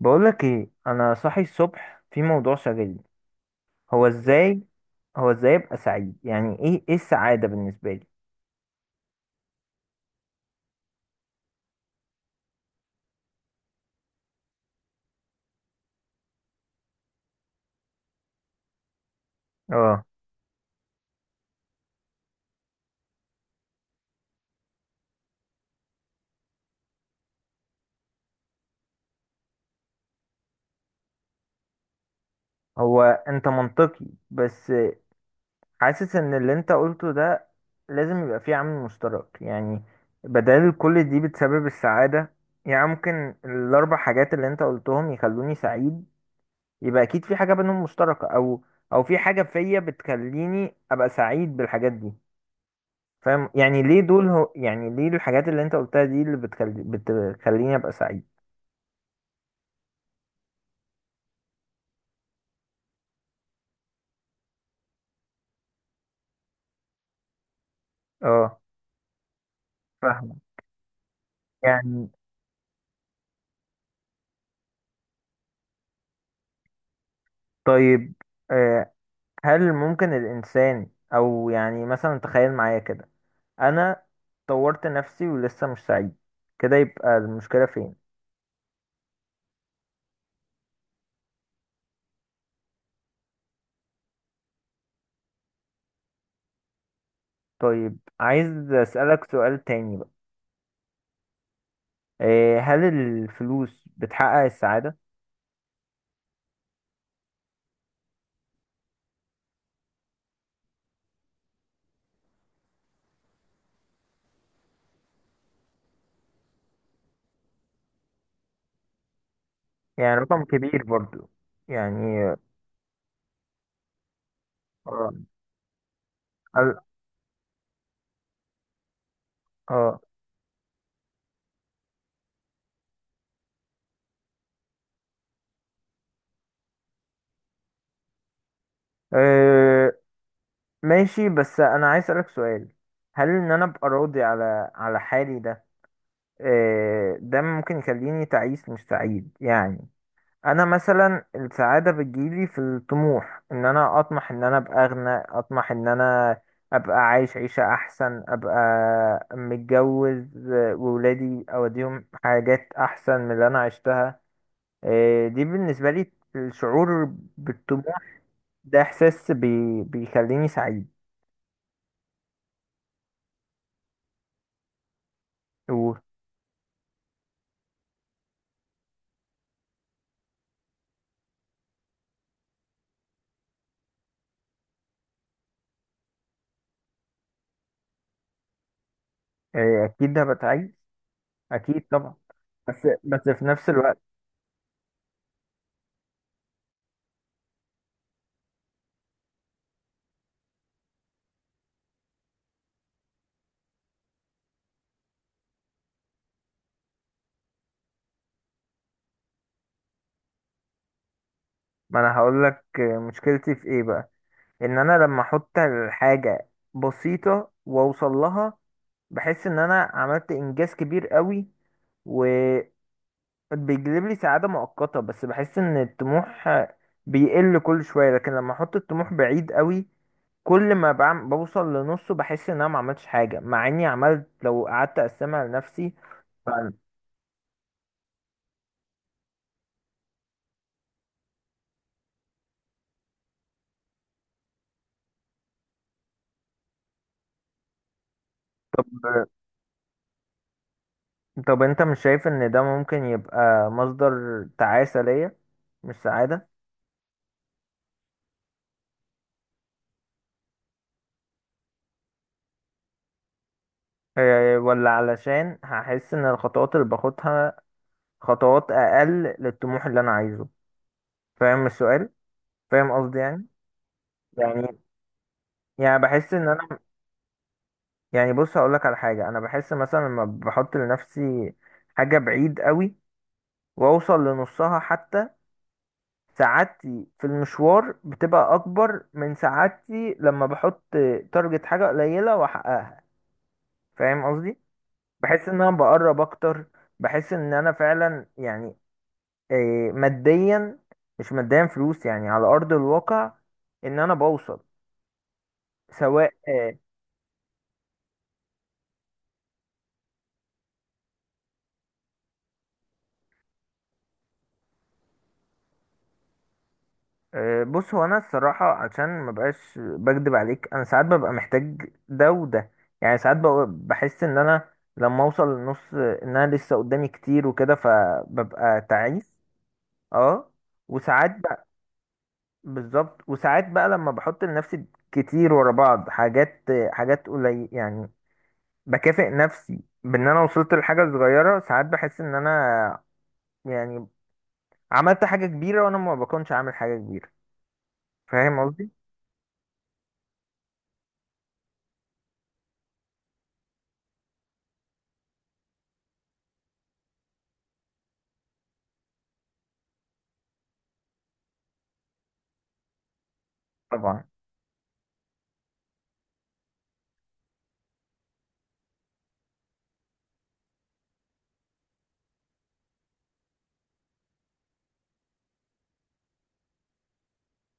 بقولك ايه، انا صاحي الصبح في موضوع شاغلني. هو ازاي هو ازاي ابقى سعيد؟ يعني ايه السعادة بالنسبة لي؟ اه. هو انت منطقي، بس حاسس ان اللي انت قلته ده لازم يبقى فيه عامل مشترك، يعني بدل كل دي بتسبب السعادة. يعني ممكن الاربع حاجات اللي انت قلتهم يخلوني سعيد، يبقى اكيد في حاجة بينهم مشتركة، او في حاجة فيا بتخليني ابقى سعيد بالحاجات دي. فاهم؟ يعني ليه دول، هو يعني ليه الحاجات اللي انت قلتها دي اللي بتخليني ابقى سعيد؟ اه. فاهمة. يعني طيب. آه هل ممكن الانسان، او يعني مثلا تخيل معايا كده، انا طورت نفسي ولسه مش سعيد، كده يبقى المشكلة فين؟ طيب، عايز اسألك سؤال تاني بقى. هل الفلوس بتحقق السعادة؟ يعني رقم كبير برضو. يعني اه. اه. آه، ماشي. بس انا عايز اسالك سؤال، هل ان انا ابقى راضي على حالي ده، ده ممكن يخليني تعيس مش سعيد؟ يعني انا مثلا السعاده بتجيلي في الطموح، ان انا اطمح ان انا ابقى اغنى، اطمح ان انا ابقى عايش عيشه احسن، ابقى متجوز، وولادي اوديهم حاجات احسن من اللي انا عشتها. دي بالنسبه لي الشعور بالطموح. ده احساس بي بيخليني سعيد. إيه، اكيد ده بتعيش. اكيد طبعا. بس في نفس الوقت، ما انا هقول لك مشكلتي في ايه بقى. ان انا لما احط الحاجه بسيطه واوصل لها، بحس ان انا عملت انجاز كبير قوي، وبيجلب لي سعاده مؤقته، بس بحس ان الطموح بيقل كل شويه. لكن لما احط الطموح بعيد قوي، كل ما بعم بوصل لنصه بحس ان انا ما عملتش حاجه، مع اني عملت لو قعدت اقسمها لنفسي. طب، طب انت مش شايف ان ده ممكن يبقى مصدر تعاسة ليا، مش سعادة؟ إيه، ولا علشان هحس ان الخطوات اللي باخدها خطوات اقل للطموح اللي انا عايزه. فاهم السؤال؟ فاهم قصدي يعني؟ يعني بحس ان انا، يعني بص هقولك على حاجة. انا بحس مثلا لما بحط لنفسي حاجة بعيد قوي واوصل لنصها حتى، سعادتي في المشوار بتبقى اكبر من سعادتي لما بحط تارجت حاجة قليلة واحققها. فاهم قصدي؟ بحس ان انا بقرب اكتر، بحس ان انا فعلا يعني، إيه، ماديا، مش ماديا فلوس، يعني على ارض الواقع ان انا بوصل. سواء بص، هو انا الصراحه عشان ما بقاش بكدب عليك، انا ساعات ببقى محتاج ده وده. يعني ساعات بحس ان انا لما اوصل للنص، ان انا لسه قدامي كتير وكده، فببقى تعيس. اه. وساعات بقى، بالظبط. وساعات بقى لما بحط لنفسي كتير ورا بعض حاجات، حاجات قليل يعني، بكافئ نفسي بان انا وصلت لحاجه صغيره. ساعات بحس ان انا يعني عملت حاجه كبيره وانا ما بكونش عامل حاجه كبيره. فاهم قصدي؟ طبعا.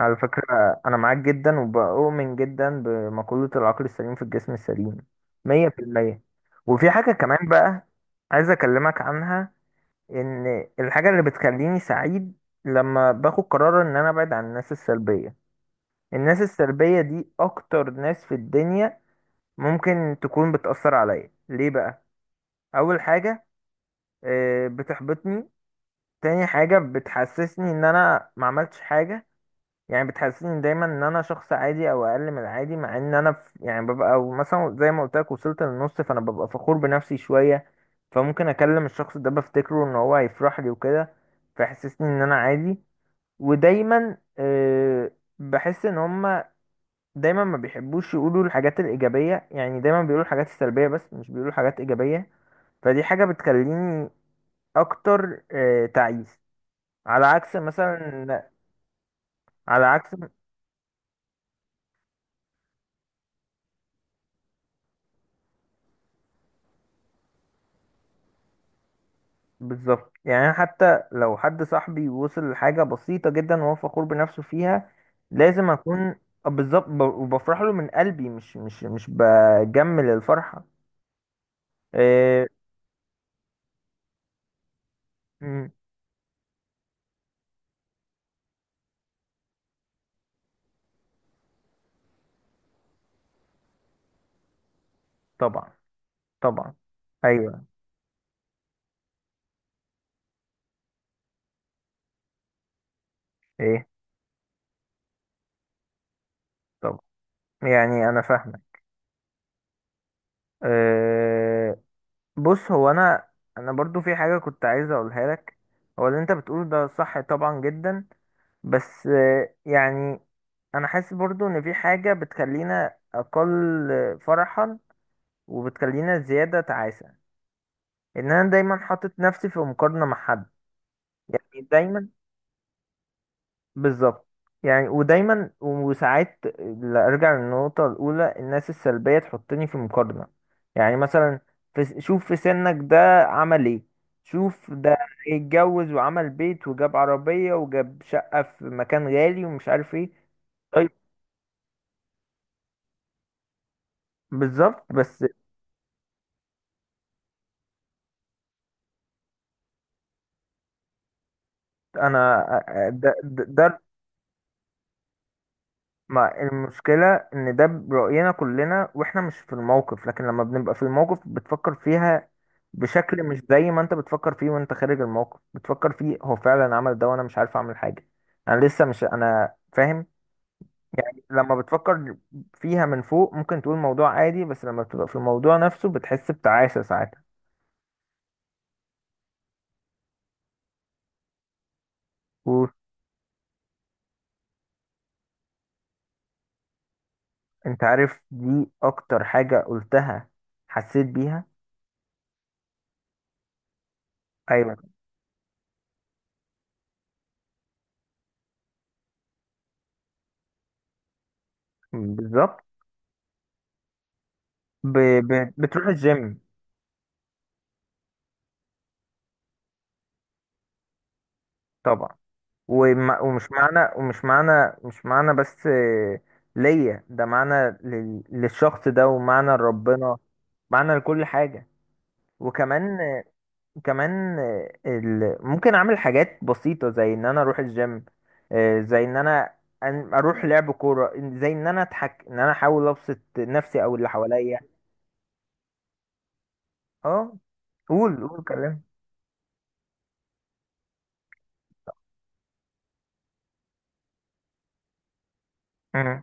على فكره، انا معاك جدا وبؤمن جدا بمقوله العقل السليم في الجسم السليم. 100%. وفي حاجه كمان بقى عايز اكلمك عنها. ان الحاجه اللي بتخليني سعيد لما باخد قرار ان انا ابعد عن الناس السلبيه. الناس السلبيه دي اكتر ناس في الدنيا ممكن تكون بتأثر عليا. ليه بقى؟ اول حاجه، بتحبطني. تاني حاجه، بتحسسني ان انا ما عملتش حاجه. يعني بتحسسني دايما ان انا شخص عادي او اقل من العادي، مع ان انا في يعني ببقى، أو مثلا زي ما قلت لك، وصلت للنص فانا ببقى فخور بنفسي شويه، فممكن اكلم الشخص ده بفتكره ان هو هيفرح لي وكده، فيحسسني ان انا عادي. ودايما بحس ان هما دايما ما بيحبوش يقولوا الحاجات الايجابيه، يعني دايما بيقولوا الحاجات السلبيه بس، مش بيقولوا حاجات ايجابيه. فدي حاجة بتخليني اكتر تعيس. على عكس مثلا، على عكس، بالظبط، يعني أنا حتى لو حد صاحبي وصل لحاجة بسيطة جدا وهو فخور بنفسه فيها، لازم اكون، بالظبط، وبفرح له من قلبي، مش بجمل الفرحة. آه. مم. طبعا، طبعا. ايوه. ايه طبعا، يعني انا فاهمك. آه، بص هو انا برضو في حاجة كنت عايز اقولها لك. هو اللي انت بتقوله ده صح طبعا جدا، بس يعني انا حاسس برضو ان في حاجة بتخلينا اقل فرحا وبتخلينا زيادة تعاسة، ان انا دايما حاطط نفسي في مقارنة مع حد. يعني دايما، بالظبط، يعني ودايما، وساعات ارجع للنقطة الاولى، الناس السلبية تحطني في مقارنة. يعني مثلا في شوف في سنك ده عمل ايه، شوف ده اتجوز وعمل بيت وجاب عربية وجاب شقة في مكان غالي ومش عارف ايه. طيب، بالظبط بس انا، ده ما المشكله ان ده براينا كلنا واحنا مش في الموقف، لكن لما بنبقى في الموقف بتفكر فيها بشكل مش زي ما انت بتفكر فيه وانت خارج الموقف، بتفكر فيه هو فعلا عمل ده وانا مش عارف اعمل حاجه. انا لسه مش، انا فاهم. لما بتفكر فيها من فوق ممكن تقول موضوع عادي، بس لما بتبقى في الموضوع نفسه بتحس بتعاسه ساعتها. وانت عارف دي اكتر حاجه قلتها، حسيت بيها. ايوه، بالظبط. ب... بتروح الجيم. طبعا. ومش معنى ومش معنى مش معنى بس، ليا ده معنى للشخص ده ومعنى لربنا، معنى لكل حاجة. وكمان كمان ممكن أعمل حاجات بسيطة زي إن أنا أروح الجيم، زي إن أنا أروح لعب كورة، زي إن أنا أضحك، إن أنا أحاول أبسط نفسي أو اللي حواليا. أه. قول، قول كلام. مم.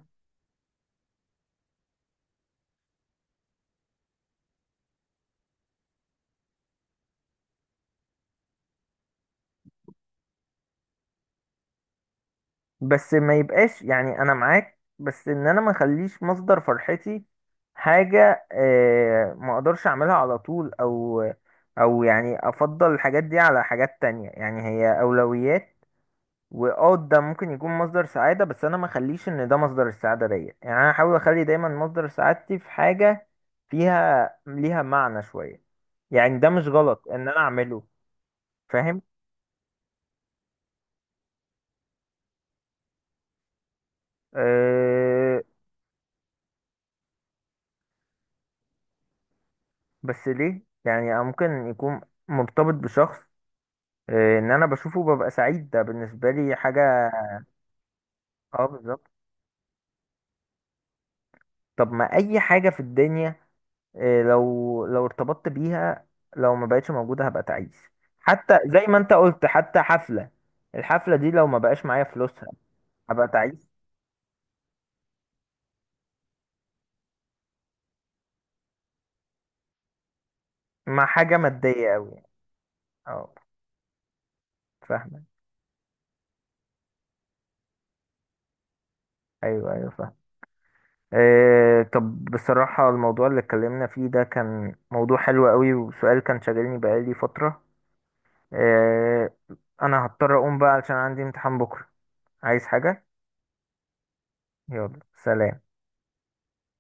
بس ما يبقاش، يعني انا معاك، بس ان انا ما اخليش مصدر فرحتي حاجة ما اقدرش اعملها على طول، او او يعني افضل الحاجات دي على حاجات تانية، يعني هي اولويات. واه ده ممكن يكون مصدر سعادة، بس انا ما اخليش ان ده مصدر السعادة ليا، يعني انا احاول اخلي دايما مصدر سعادتي في حاجة فيها ليها معنى شوية. يعني ده مش غلط ان انا اعمله. فاهم؟ آه، بس ليه؟ يعني أنا ممكن يكون مرتبط بشخص، ان انا بشوفه ببقى سعيد، ده بالنسبه لي حاجه. اه، بالظبط. طب، ما اي حاجه في الدنيا، لو ارتبطت بيها لو ما بقتش موجوده هبقى تعيس. حتى زي ما انت قلت، حتى حفله، الحفله دي لو ما بقاش معايا فلوسها هبقى تعيس. مع حاجه ماديه قوي، اه. فاهمه. ايوه، ايوه فاهم. إيه، طب بصراحة الموضوع اللي اتكلمنا فيه ده كان موضوع حلو قوي، وسؤال كان شاغلني بقالي فترة. آه، انا هضطر اقوم بقى علشان عندي امتحان بكرة. عايز حاجة؟ يلا، سلام.